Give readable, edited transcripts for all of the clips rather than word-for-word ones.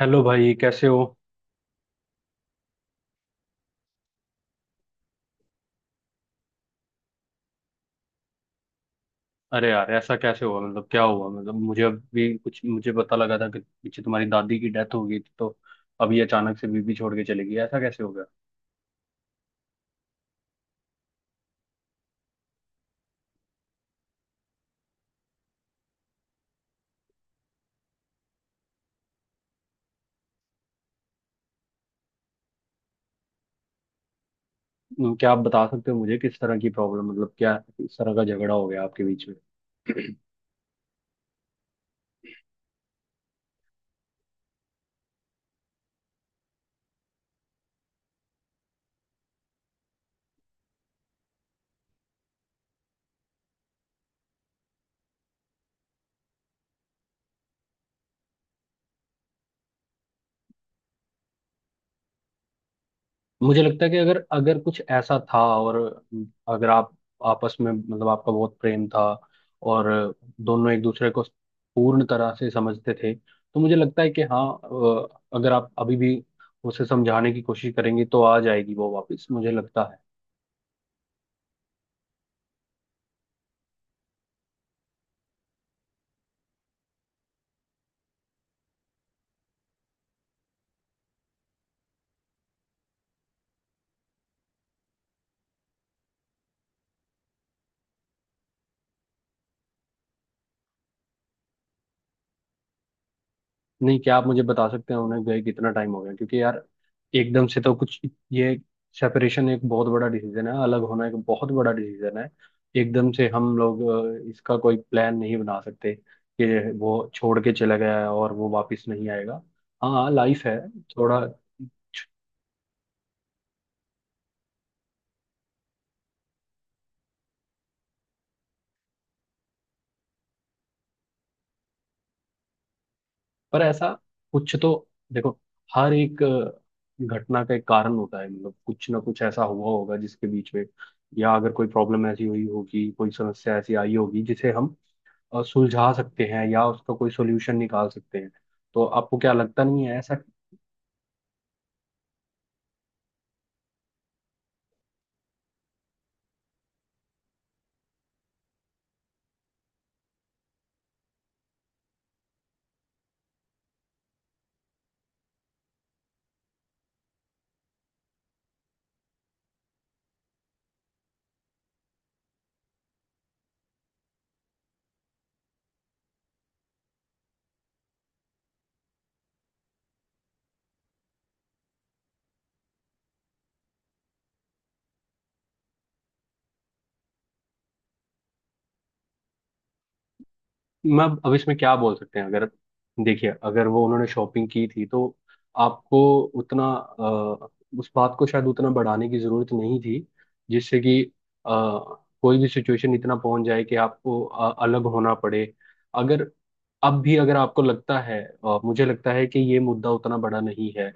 Hello भाई, कैसे हो। अरे यार, ऐसा कैसे हुआ? मतलब क्या हुआ? मतलब मुझे अभी कुछ मुझे पता लगा था कि पीछे तुम्हारी दादी की डेथ हो गई थी, तो अभी अचानक से बीबी छोड़ के चली गई, ऐसा कैसे हो गया? क्या आप बता सकते हो मुझे किस तरह की प्रॉब्लम? मतलब क्या किस तरह का झगड़ा हो गया आपके बीच? मुझे लगता है कि अगर अगर कुछ ऐसा था, और अगर आप आपस में, मतलब आपका बहुत प्रेम था, और दोनों एक दूसरे को पूर्ण तरह से समझते थे, तो मुझे लगता है कि हाँ, अगर आप अभी भी उसे समझाने की कोशिश करेंगे तो आ जाएगी वो वापस, मुझे लगता है। नहीं, क्या आप मुझे बता सकते हैं उन्हें गए कितना टाइम हो गया? क्योंकि यार एकदम से तो कुछ, ये सेपरेशन एक बहुत बड़ा डिसीजन है, अलग होना एक बहुत बड़ा डिसीजन है। एकदम से हम लोग इसका कोई प्लान नहीं बना सकते कि वो छोड़ के चला गया है और वो वापस नहीं आएगा। हाँ, लाइफ है थोड़ा। पर ऐसा कुछ तो, देखो, हर एक घटना का एक कारण होता है। मतलब कुछ ना कुछ ऐसा हुआ होगा जिसके बीच में, या अगर कोई प्रॉब्लम ऐसी हुई होगी, कोई समस्या ऐसी आई होगी जिसे हम सुलझा सकते हैं या उसका कोई सोल्यूशन निकाल सकते हैं। तो आपको क्या लगता, नहीं है ऐसा? मैं अब इसमें क्या बोल सकते हैं? अगर, देखिए, अगर वो उन्होंने शॉपिंग की थी तो आपको उतना उस बात को शायद उतना बढ़ाने की जरूरत नहीं थी, जिससे कि अ, कोई भी सिचुएशन इतना पहुंच जाए कि आपको अलग होना पड़े। अगर अब भी अगर आपको लगता है, मुझे लगता है कि ये मुद्दा उतना बड़ा नहीं है,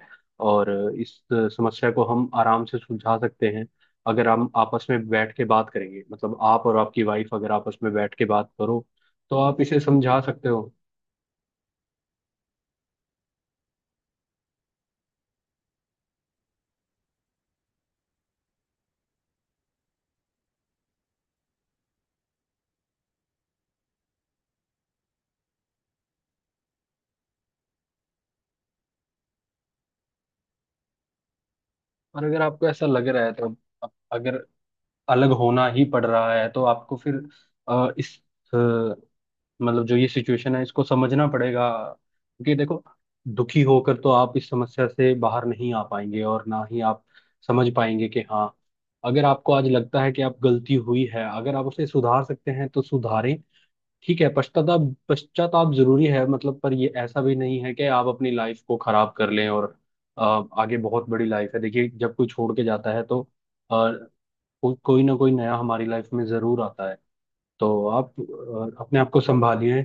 और इस समस्या को हम आराम से सुलझा सकते हैं, अगर हम आपस में बैठ के बात करेंगे। मतलब आप और आपकी वाइफ अगर आपस में बैठ के बात करो तो आप इसे समझा सकते हो। और अगर आपको ऐसा लग रहा है तो अगर अलग होना ही पड़ रहा है तो आपको फिर इस अ, मतलब जो ये सिचुएशन है इसको समझना पड़ेगा, क्योंकि देखो दुखी होकर तो आप इस समस्या से बाहर नहीं आ पाएंगे, और ना ही आप समझ पाएंगे कि हाँ, अगर आपको आज लगता है कि आप गलती हुई है, अगर आप उसे सुधार सकते हैं तो सुधारें। ठीक है, पश्चाताप, पश्चाताप जरूरी है, मतलब। पर ये ऐसा भी नहीं है कि आप अपनी लाइफ को खराब कर लें, और अ, आगे बहुत बड़ी लाइफ है। देखिए, जब कोई छोड़ के जाता है तो अ, कोई ना कोई नया हमारी लाइफ में जरूर आता है। तो आप अपने आप को संभालिए।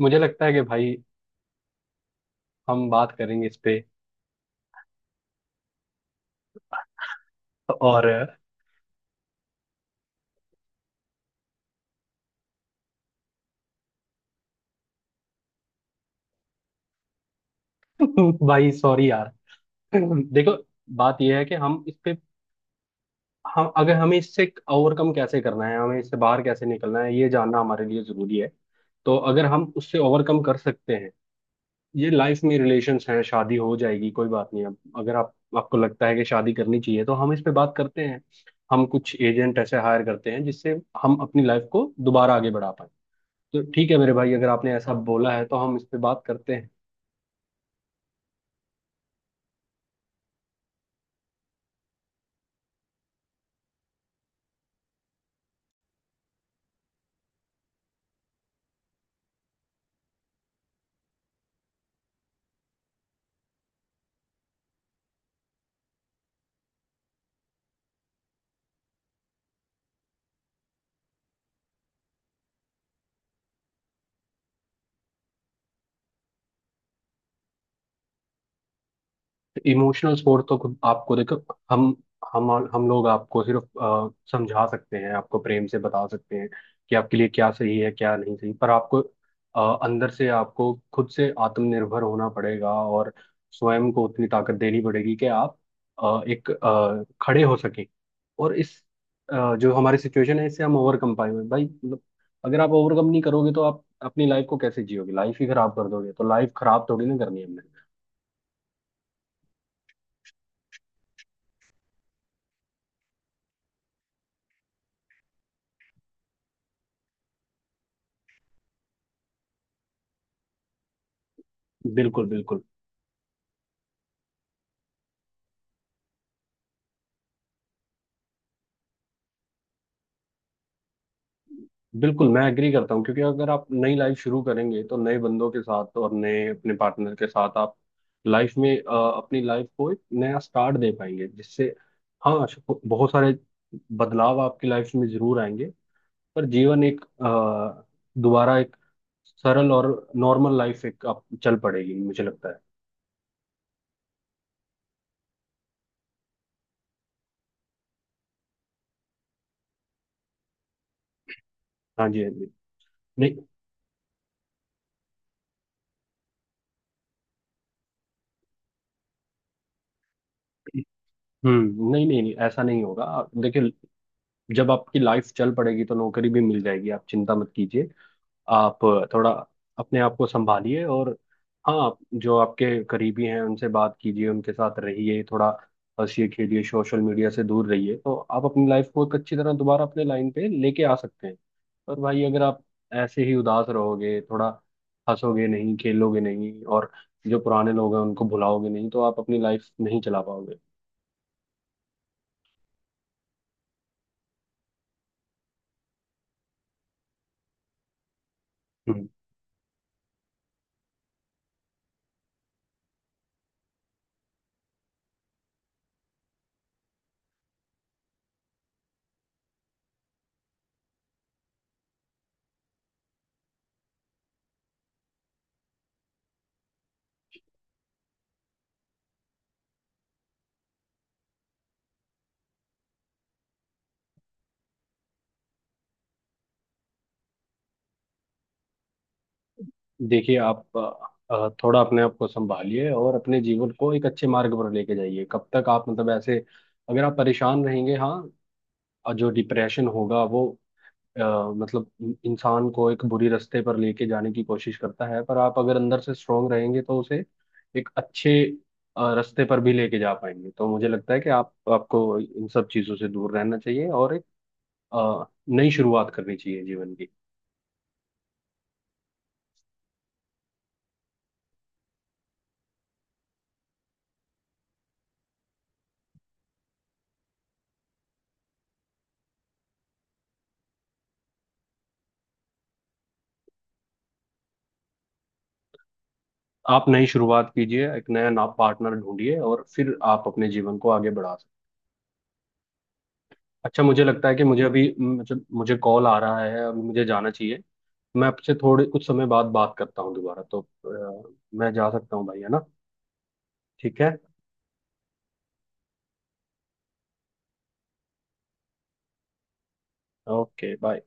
मुझे लगता है कि भाई हम बात करेंगे इस पे, और भाई सॉरी यार, देखो बात यह है कि हम इस पे, हम अगर हमें इससे ओवरकम कैसे करना है, हमें इससे बाहर कैसे निकलना है, ये जानना हमारे लिए जरूरी है। तो अगर हम उससे ओवरकम कर सकते हैं, ये लाइफ में रिलेशंस हैं, शादी हो जाएगी कोई बात नहीं। अब अगर आप आपको लगता है कि शादी करनी चाहिए तो हम इस पे बात करते हैं। हम कुछ एजेंट ऐसे हायर करते हैं जिससे हम अपनी लाइफ को दोबारा आगे बढ़ा पाए। तो ठीक है मेरे भाई, अगर आपने ऐसा बोला है तो हम इस पे बात करते हैं। इमोशनल सपोर्ट तो खुद आपको, देखो, हम हम लोग आपको सिर्फ समझा सकते हैं, आपको प्रेम से बता सकते हैं कि आपके लिए क्या सही है क्या नहीं सही। पर आपको अंदर से, आपको खुद से आत्मनिर्भर होना पड़ेगा, और स्वयं को उतनी ताकत देनी पड़ेगी कि आप खड़े हो सके। और इस जो हमारी सिचुएशन है इससे हम ओवरकम पाएंगे भाई, मतलब अगर आप ओवरकम नहीं करोगे तो आप अपनी लाइफ को कैसे जियोगे, लाइफ ही खराब कर दोगे। तो लाइफ खराब थोड़ी ना करनी है हमने। बिल्कुल, बिल्कुल। बिल्कुल, मैं एग्री करता हूँ, क्योंकि अगर आप नई लाइफ शुरू करेंगे तो नए बंदों के साथ और नए अपने पार्टनर के साथ आप लाइफ में अपनी लाइफ को एक नया स्टार्ट दे पाएंगे, जिससे हाँ, बहुत सारे बदलाव आपकी लाइफ में जरूर आएंगे। पर जीवन एक दोबारा एक सरल और नॉर्मल लाइफ एक आप चल पड़ेगी, मुझे लगता है। हाँ जी, हाँ जी। नहीं। हम्म, नहीं नहीं नहीं, ऐसा नहीं होगा। देखिए, जब आपकी लाइफ चल पड़ेगी तो नौकरी भी मिल जाएगी, आप चिंता मत कीजिए। आप थोड़ा अपने आप को संभालिए, और हाँ, जो आपके करीबी हैं उनसे बात कीजिए, उनके साथ रहिए थोड़ा, हंसिए खेलिए, सोशल मीडिया से दूर रहिए, तो आप अपनी लाइफ को एक अच्छी तरह दोबारा अपने लाइन पे लेके आ सकते हैं। पर भाई, अगर आप ऐसे ही उदास रहोगे, थोड़ा हंसोगे नहीं खेलोगे नहीं, और जो पुराने लोग हैं उनको भुलाओगे नहीं, तो आप अपनी लाइफ नहीं चला पाओगे। देखिए आप थोड़ा अपने आप को संभालिए और अपने जीवन को एक अच्छे मार्ग पर लेके जाइए। कब तक आप मतलब ऐसे, अगर आप परेशान रहेंगे, हाँ, और जो डिप्रेशन होगा वो अ, मतलब इंसान को एक बुरी रास्ते पर लेके जाने की कोशिश करता है। पर आप अगर अंदर से स्ट्रोंग रहेंगे तो उसे एक अच्छे रास्ते पर भी लेके जा पाएंगे। तो मुझे लगता है कि आप आपको इन सब चीजों से दूर रहना चाहिए, और एक नई शुरुआत करनी चाहिए जीवन की। आप नई शुरुआत कीजिए, एक नया नाप पार्टनर ढूंढिए, और फिर आप अपने जीवन को आगे बढ़ा सकते। अच्छा, मुझे लगता है कि मुझे अभी, मतलब मुझे कॉल आ रहा है, अभी मुझे जाना चाहिए। मैं आपसे थोड़े कुछ समय बाद बात करता हूँ दोबारा। तो अ, मैं जा सकता हूँ भाई, है ना? ठीक है, ओके बाय।